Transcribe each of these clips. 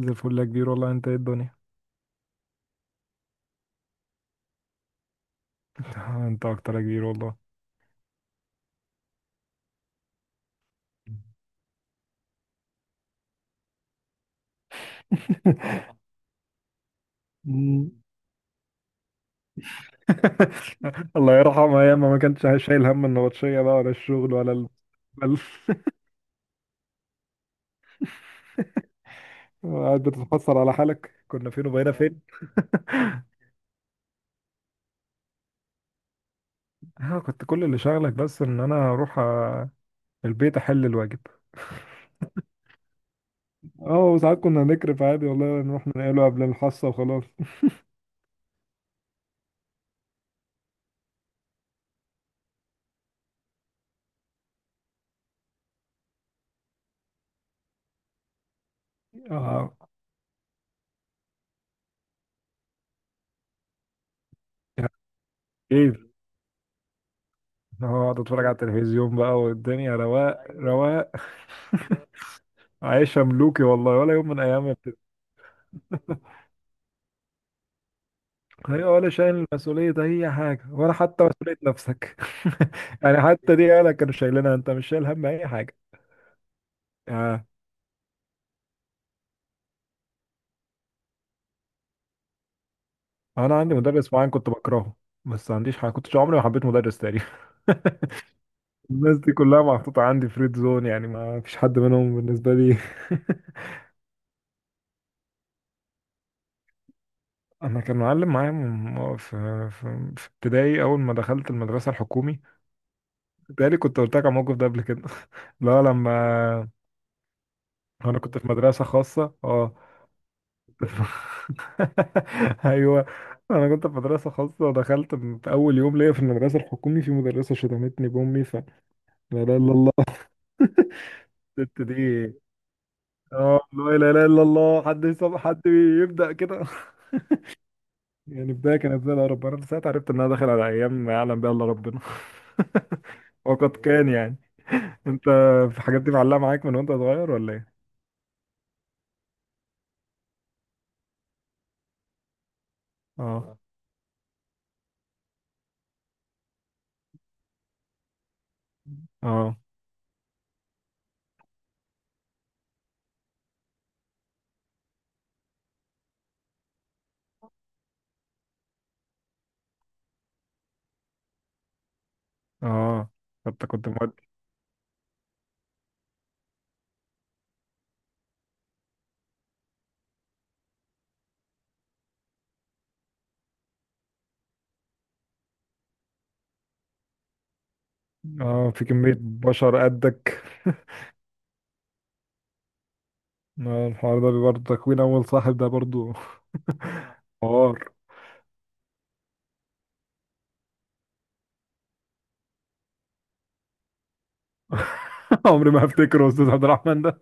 زي الفل يا كبير والله، انت ايه الدنيا؟ انت اكتر يا كبير والله. مم. الله يرحمها، ياما ما كانتش شايل هم النبطشية بقى، ولا الشغل ولا بل... قاعد بتتحسر على حالك، كنا فين وبقينا فين؟ اه، كنت كل اللي شغلك بس ان انا اروح البيت، احل الواجب. اه، وساعات كنا نكرف عادي والله، نروح ننقله قبل الحصة وخلاص. اه، يعني ايه؟ اه، اقعد اتفرج على التلفزيون بقى، والدنيا رواق رواق. عايشة ملوكي والله، ولا يوم من ايام. هي ولا شايل مسؤولية أي حاجة، ولا حتى مسؤولية نفسك. يعني حتى دي أهلك كانوا شايلينها، أنت مش شايل هم أي حاجة. آه. أنا عندي مدرس معين كنت بكرهه، بس ما عنديش حاجة، كنتش عمري ما حبيت مدرس تاني. الناس دي كلها محطوطة عندي فريد زون، يعني ما فيش حد منهم بالنسبة لي. أنا كان معلم معايا في ابتدائي، أول ما دخلت المدرسة الحكومي. بتهيألي كنت قلت لك على الموقف ده قبل كده. لا، لما أنا كنت في مدرسة خاصة، اه. ايوه، انا كنت في مدرسه خاصه، ودخلت في اول يوم ليا في المدرسه الحكومي في مدرسه شتمتني بامي لا اله الا الله. الست دي، اه، لا اله الا الله. حد يصاب، حد يبدا كده. يعني بدايه كانت زي القرف، انا ساعتها عرفت ان انا داخل على ايام ما يعلم بها الا ربنا. وقد كان، يعني انت في الحاجات دي معلقه معاك من وانت صغير ولا ايه؟ اه، اه، اه. انت كنت مودي. اه، في كميه بشر قدك. الحوار ده برضه تكوين اول صاحب ده برضه. حوار. عمري ما هفتكره استاذ عبد الرحمن ده.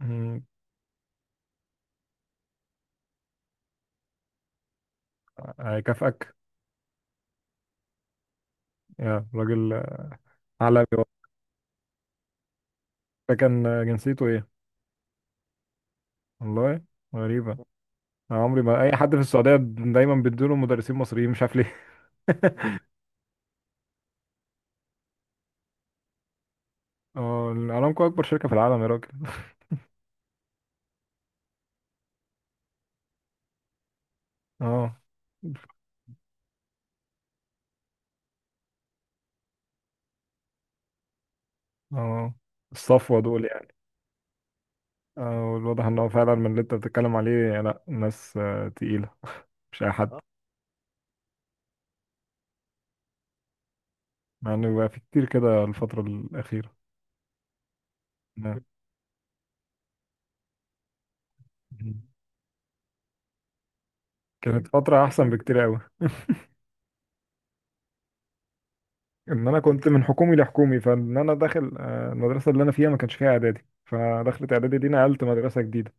مم. هيكافئك. يا راجل عالمي والله. ده كان جنسيته ايه؟ والله غريبة. أنا عمري ما اي حد في السعودية، دايما بيدوله مدرسين مصريين، مش عارف ليه. اه، ارامكو اكبر شركة في العالم يا راجل. اه، اه، الصفوة دول يعني. اه، الواضح ان هو فعلا من اللي انت بتتكلم عليه، لا ناس تقيلة. مش اي حد. آه. مع انه بقى في كتير كده الفترة الأخيرة. نعم. كانت فترة أحسن بكتير أوي. إن أنا كنت من حكومي لحكومي، فإن أنا داخل المدرسة اللي أنا فيها ما كانش فيها إعدادي، فدخلت إعدادي دي نقلت مدرسة جديدة.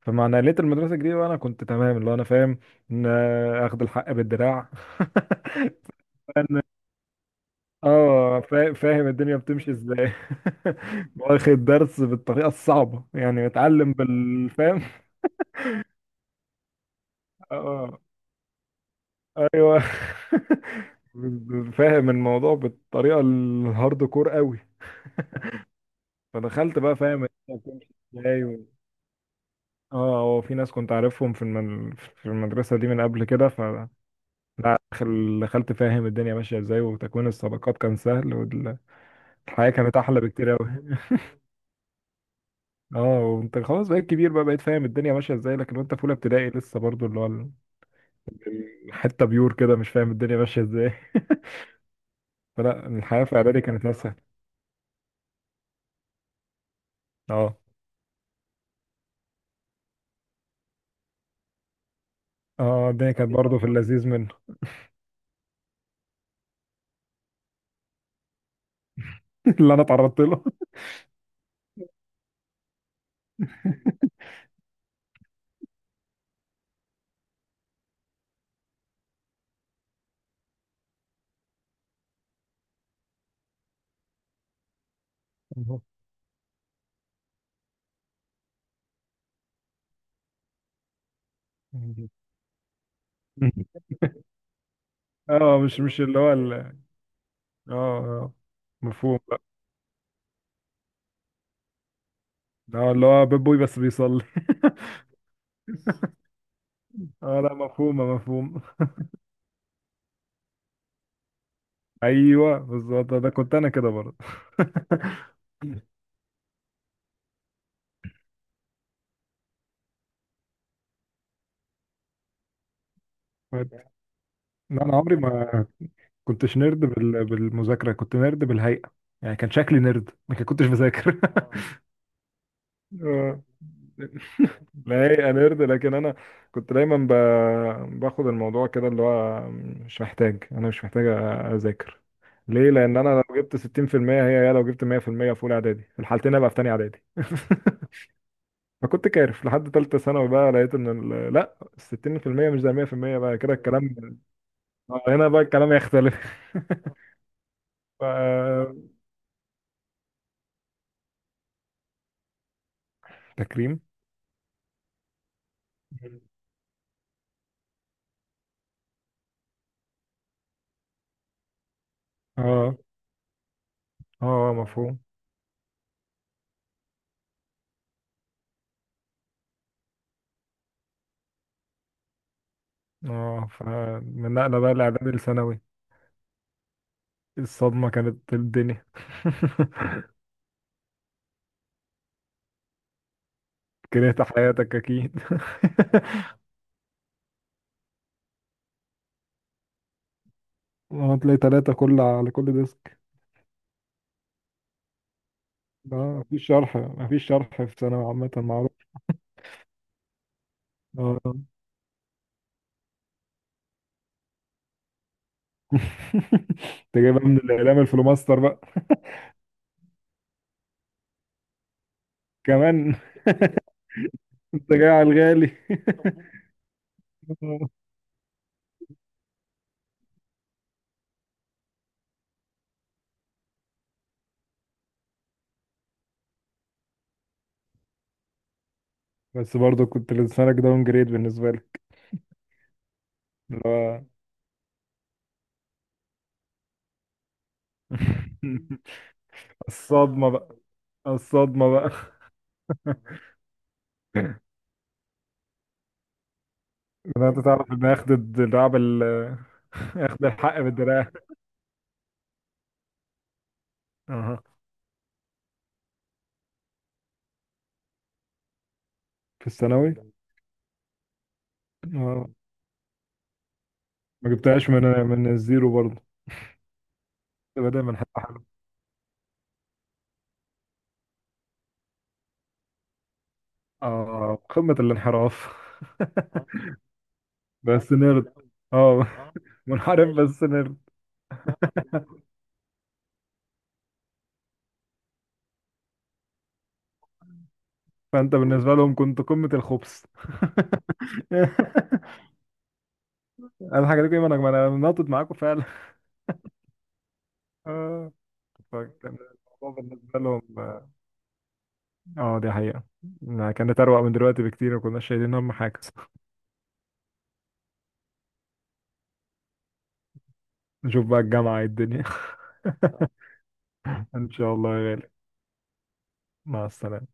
فمع نقلت المدرسة الجديدة وأنا كنت تمام، اللي هو أنا فاهم إن آخد الحق بالدراع. إن- فاهم الدنيا بتمشي إزاي. واخد درس بالطريقة الصعبة، يعني متعلم بالفهم. آه، أيوه. فاهم الموضوع بالطريقة الهارد كور أوي. فدخلت بقى فاهم الدنيا بتمشي ازاي اه، هو في ناس كنت عارفهم في المدرسة دي من قبل كده. لا، دخلت فاهم الدنيا ماشية ازاي، وتكوين الصداقات كان سهل، والحياة كانت أحلى بكتير أوي. اه، وانت خلاص بقيت كبير بقى، بقيت فاهم الدنيا ماشية ازاي، لكن وانت في أولى ابتدائي لسه برضو اللي هو الحتة بيور كده، مش فاهم الدنيا ماشية ازاي. فلا، الحياة في إعدادي كانت أسهل. اه، اه، الدنيا كانت برضو في اللذيذ منه. اللي أنا اتعرضت له. اه، مش اللي هو اه، اه، مفهوم بقى. اه، اللي هو بيب بوي بس بيصلي. اه، لا، مفهومة، مفهوم. ايوه بالظبط، ده كنت انا كده برضه. كنت- لا، انا عمري ما كنتش نرد بالمذاكرة، كنت نرد بالهيئة. يعني كان شكلي نرد، ما كنتش بذاكر. اه، لا، هي نرد لكن انا كنت دايما باخد الموضوع كده، اللي هو مش محتاج، انا مش محتاج اذاكر. ليه؟ لان انا لو جبت 60% هي هي لو جبت 100% في المية في اولى اعدادي، في الحالتين ابقى في تانية اعدادي. فكنت كارف لحد تالتة ثانوي، بقى لقيت ان لا، ال 60% مش زي 100%، بقى كده الكلام. آه، هنا بقى الكلام يختلف. ف... تكريم. اه، اه، مفهوم. اه، فمن نقلة بقى الاعدادي لثانوي، الصدمة كانت الدنيا. كرهت حياتك اكيد. هتلاقي تلاتة كل على كل ديسك. اه، مفيش شرح، مفيش شرح في ثانوي عامة، معروف. اه. انت جايبها من الاعلام الفلوماستر بقى؟ كمان؟ انت جاي على الغالي. آه. بس برضه كنت لسانك داون جريد بالنسبة لك. اللي هو. الصدمة بقى، الصدمة بقى. ان انت تعرف ان اخد الدراع اخد الحق بالدراع. اها. في الثانوي. اه، ما جبتهاش من الزيرو برضه، بدأ من حته حلوه. اه، قمة الانحراف. بس نرد. اه. اه، منحرف بس نرد. فانت بالنسبه لهم كنت قمه الخبث. انا، حاجه دي، ما انا ناطط معاكم فعلا. آه، فكان الموضوع بالنسبه لهم، اه، دي حقيقه، ما كانت اروق من دلوقتي بكتير، وكنا شايلين هم حاجه. نشوف بقى الجامعه إيه الدنيا. ان شاء الله يا غالي. مع السلامه.